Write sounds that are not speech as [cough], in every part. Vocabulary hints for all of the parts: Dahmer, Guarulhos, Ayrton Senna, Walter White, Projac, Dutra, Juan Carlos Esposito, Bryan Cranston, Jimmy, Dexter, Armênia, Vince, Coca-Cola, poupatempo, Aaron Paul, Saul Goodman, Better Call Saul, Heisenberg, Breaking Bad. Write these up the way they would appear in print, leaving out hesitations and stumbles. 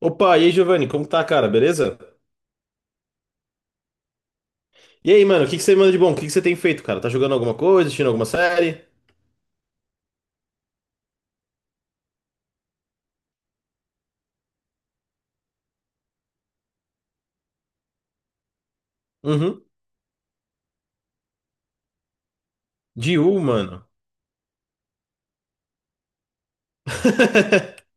Opa, e aí, Giovanni, como tá, cara? Beleza? E aí, mano, o que você manda de bom? O que você tem feito, cara? Tá jogando alguma coisa, assistindo alguma série? Uhum. De U, mano. [laughs]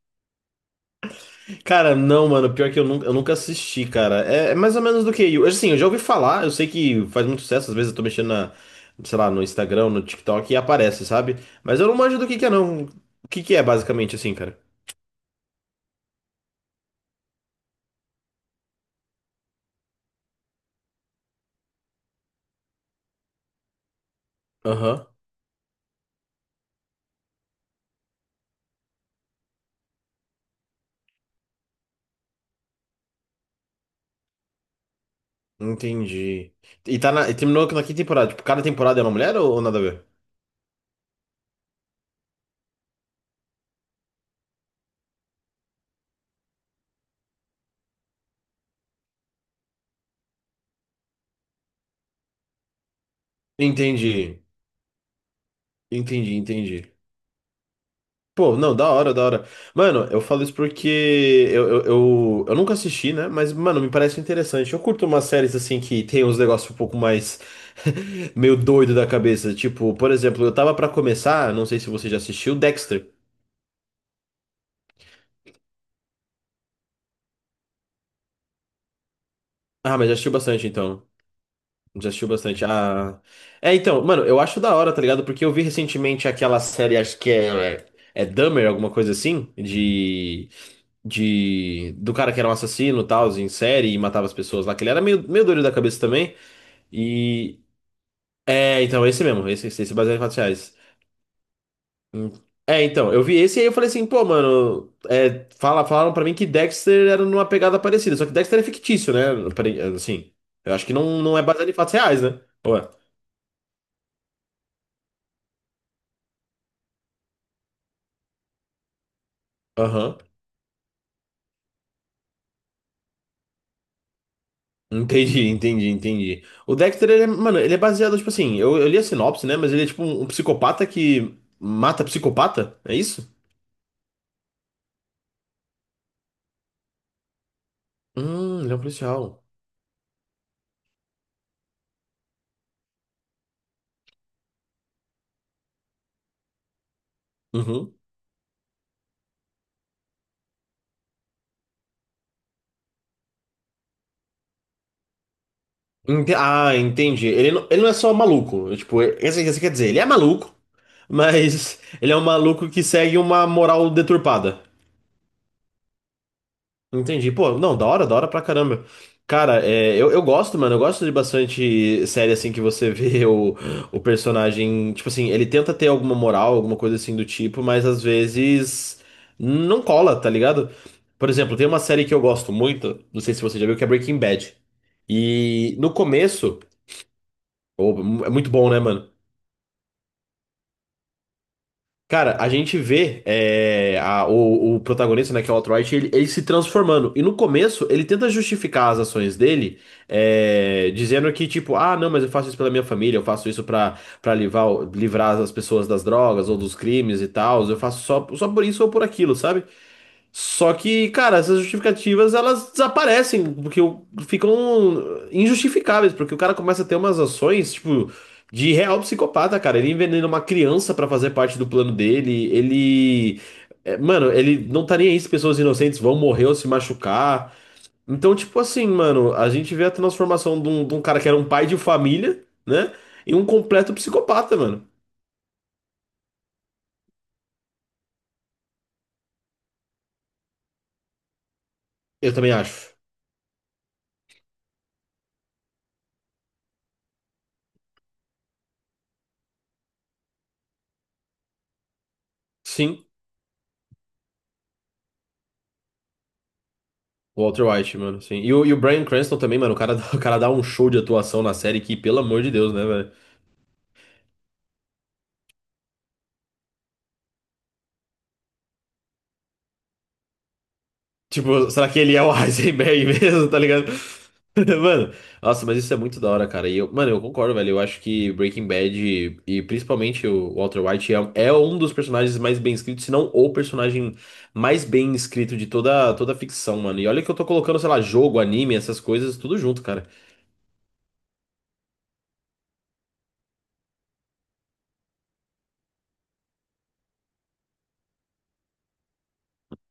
Cara, não, mano. Pior que eu nunca assisti, cara. É, é mais ou menos do que eu. Assim, eu já ouvi falar, eu sei que faz muito sucesso, às vezes eu tô mexendo sei lá, no Instagram, no TikTok e aparece, sabe? Mas eu não manjo do que é, não. O que que é, basicamente, assim, cara? Aham. Entendi. E terminou na que temporada? Tipo, cada temporada é uma mulher ou nada a ver? Entendi. Entendi. Pô, não, da hora. Mano, eu falo isso porque eu nunca assisti, né? Mas, mano, me parece interessante. Eu curto umas séries assim que tem uns negócios um pouco mais [laughs] meio doido da cabeça. Tipo, por exemplo, eu tava pra começar, não sei se você já assistiu, Dexter. Ah, mas já assistiu bastante então. Já assistiu bastante. Ah. É, então, mano, eu acho da hora, tá ligado? Porque eu vi recentemente aquela série, é Dahmer, alguma coisa assim, de. De do cara que era um assassino, tal, em série e matava as pessoas lá, que ele era meio doido da cabeça também. E é, então esse mesmo, esse esse, esse baseado em fatos reais. Hum. É, então, eu vi esse e aí eu falei assim, pô, mano, fala, falaram pra mim que Dexter era numa pegada parecida, só que Dexter é fictício, né? Assim, eu acho que não é baseado em fatos reais, né? Ué. Aham. Entendi, [laughs] entendi. O Dexter, ele é, mano, ele é baseado, tipo assim, eu li a sinopse, né? Mas ele é tipo um psicopata que mata psicopata, é isso? Ele é um policial. Uhum. Ah, entendi. Ele não é só maluco. É Tipo, esse quer dizer, ele é maluco, [laughs] mas ele é um maluco que segue uma moral deturpada. Entendi. Pô, não, da hora pra caramba. Cara, é, eu gosto, mano, eu gosto de bastante série assim que você [laughs] vê o personagem. Tipo assim, ele tenta ter alguma moral, alguma coisa assim do tipo, mas às vezes não cola, tá ligado? Por exemplo, tem uma série que eu gosto muito, não sei se você já viu, que é Breaking Bad. E no começo, ô, é muito bom, né, mano? Cara, a gente vê o protagonista, né, que é o Alt-Right, ele se transformando. E no começo, ele tenta justificar as ações dele, é, dizendo que, tipo, ah, não, mas eu faço isso pela minha família, eu faço isso pra livrar, livrar as pessoas das drogas ou dos crimes e tal, eu faço só por isso ou por aquilo, sabe? Só que, cara, essas justificativas elas desaparecem, porque ficam injustificáveis, porque o cara começa a ter umas ações, tipo, de real psicopata, cara. Ele envenena uma criança pra fazer parte do plano dele, ele. É, mano, ele não tá nem aí se pessoas inocentes vão morrer ou se machucar. Então, tipo assim, mano, a gente vê a transformação de um cara que era um pai de família, né? Em um completo psicopata, mano. Eu também acho. Sim. O Walter White, mano, sim. E o Bryan Cranston também, mano. [laughs] O cara dá um show de atuação na série que, pelo amor de Deus, né, velho? Tipo, será que ele é o [laughs] Heisenberg mesmo, tá ligado? [laughs] Mano, nossa, mas isso é muito da hora, cara. E eu, mano, eu concordo, velho. Eu acho que Breaking Bad e principalmente o Walter White é um dos personagens mais bem escritos, se não o personagem mais bem escrito de toda a ficção, mano. E olha que eu tô colocando, sei lá, jogo, anime, essas coisas, tudo junto, cara.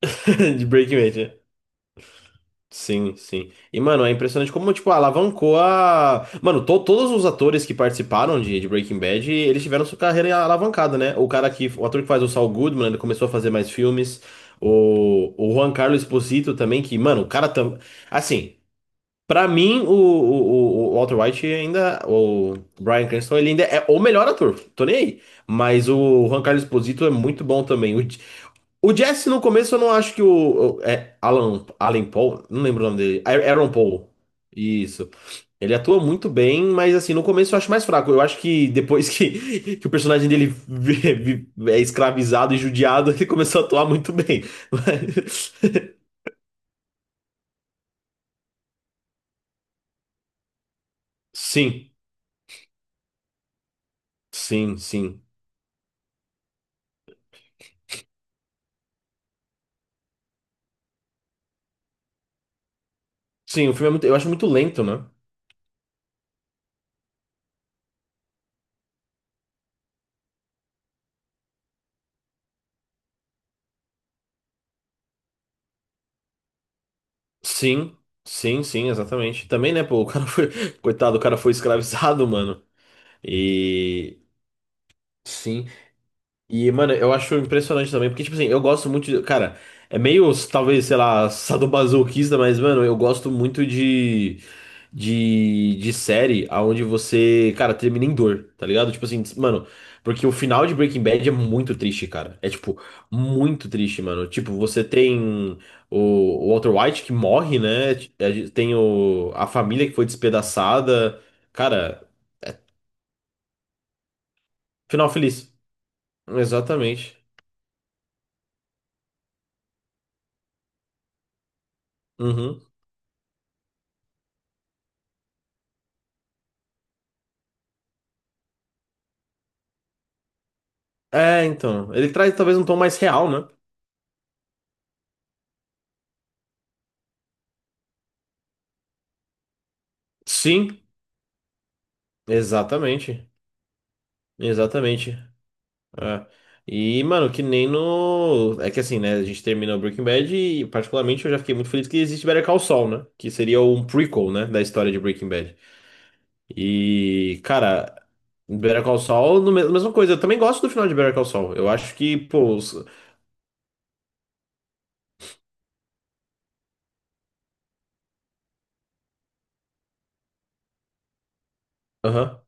[laughs] De Breaking Bad, né? Sim, sim. E, mano, é impressionante como, tipo, alavancou a. Mano, todos os atores que participaram de Breaking Bad, eles tiveram sua carreira alavancada, né? O cara que. O ator que faz o Saul Goodman, ele começou a fazer mais filmes. O Juan Carlos Esposito também, que, mano, o cara tam... Assim, pra mim, o Walter White ainda. O Bryan Cranston, ele ainda é o melhor ator. Tô nem aí. Mas o Juan Carlos Esposito é muito bom também. O Jess, no começo, eu não acho que É, Alan, Alan Paul? Não lembro o nome dele. Aaron Paul. Isso. Ele atua muito bem, mas assim, no começo eu acho mais fraco. Eu acho que depois que, [laughs] que o personagem dele é escravizado e judiado, ele começou a atuar muito bem. Mas- [laughs] Sim, sim. Sim, o filme é muito. Eu acho muito lento, né? Sim, sim, exatamente. Também, né, pô, o cara foi. [laughs] Coitado, o cara foi escravizado, mano. E. Sim. E, mano, eu acho impressionante também, porque, tipo assim, eu gosto muito de. Cara, é meio, talvez, sei lá, sadomasoquista, mas, mano, eu gosto muito de série aonde você, cara, termina em dor, tá ligado? Tipo assim, mano, porque o final de Breaking Bad é muito triste, cara. É, tipo, muito triste, mano. Tipo, você tem o Walter White que morre, né? É, Tem a família que foi despedaçada. Cara, final feliz. Exatamente. Uhum. É, então. Ele traz talvez um tom mais real, né? Sim, exatamente. Exatamente. É. E, mano, que nem no. É que assim, né? A gente terminou Breaking Bad e, particularmente, eu já fiquei muito feliz que existe Better Call Saul, né? Que seria um prequel, né? Da história de Breaking Bad. E, cara, Better Call Saul, no me- mesma coisa. Eu também gosto do final de Better Call Saul. Eu acho que, pô. Os- Aham,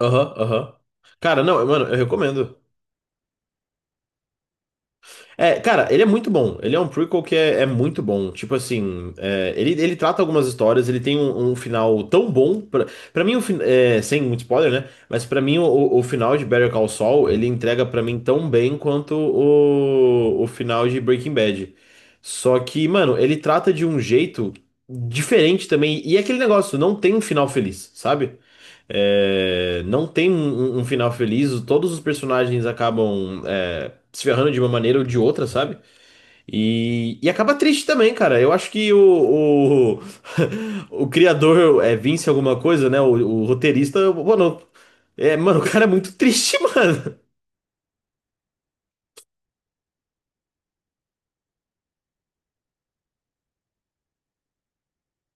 aham. Cara, não, mano, eu recomendo. É, cara, ele é muito bom. Ele é um prequel que é muito bom. Tipo assim, é, ele trata algumas histórias, ele tem um final tão bom. Pra mim, é, sem muito spoiler, né? Mas pra mim, o final de Better Call Saul, ele entrega pra mim tão bem quanto o final de Breaking Bad. Só que, mano, ele trata de um jeito diferente também. E é aquele negócio, não tem um final feliz, sabe? É, não tem um final feliz, todos os personagens acabam é, se ferrando de uma maneira ou de outra, sabe? E acaba triste também, cara. Eu acho que [laughs] o criador é Vince alguma coisa, né? O roteirista, mano, é, mano, o cara é muito triste, [laughs] mano.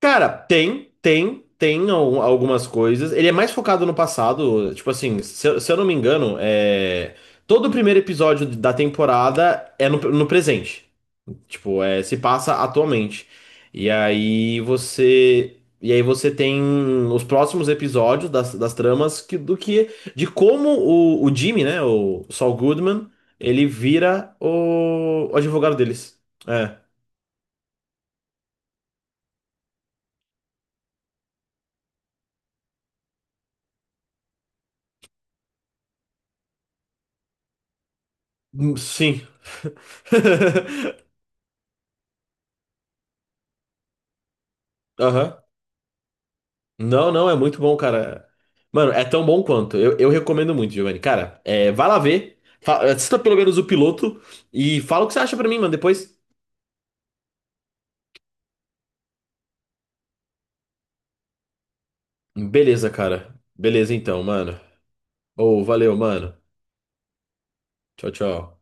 Cara, tem algumas coisas. Ele é mais focado no passado, tipo assim, se eu não me engano, é, todo o primeiro episódio da temporada é no presente. Tipo, é, se passa atualmente. E aí você tem os próximos episódios das tramas que, do que. De como o Jimmy, né? O Saul Goodman, ele vira o advogado deles. É. Sim. [laughs] Aham. Não, não, é muito bom, cara. Mano, é tão bom quanto. Eu recomendo muito, Giovanni. Cara, é, vai lá ver. Assista pelo menos o piloto e fala o que você acha pra mim, mano, depois. Beleza, cara. Beleza então, mano. Ô, valeu, mano. Tchau, tchau.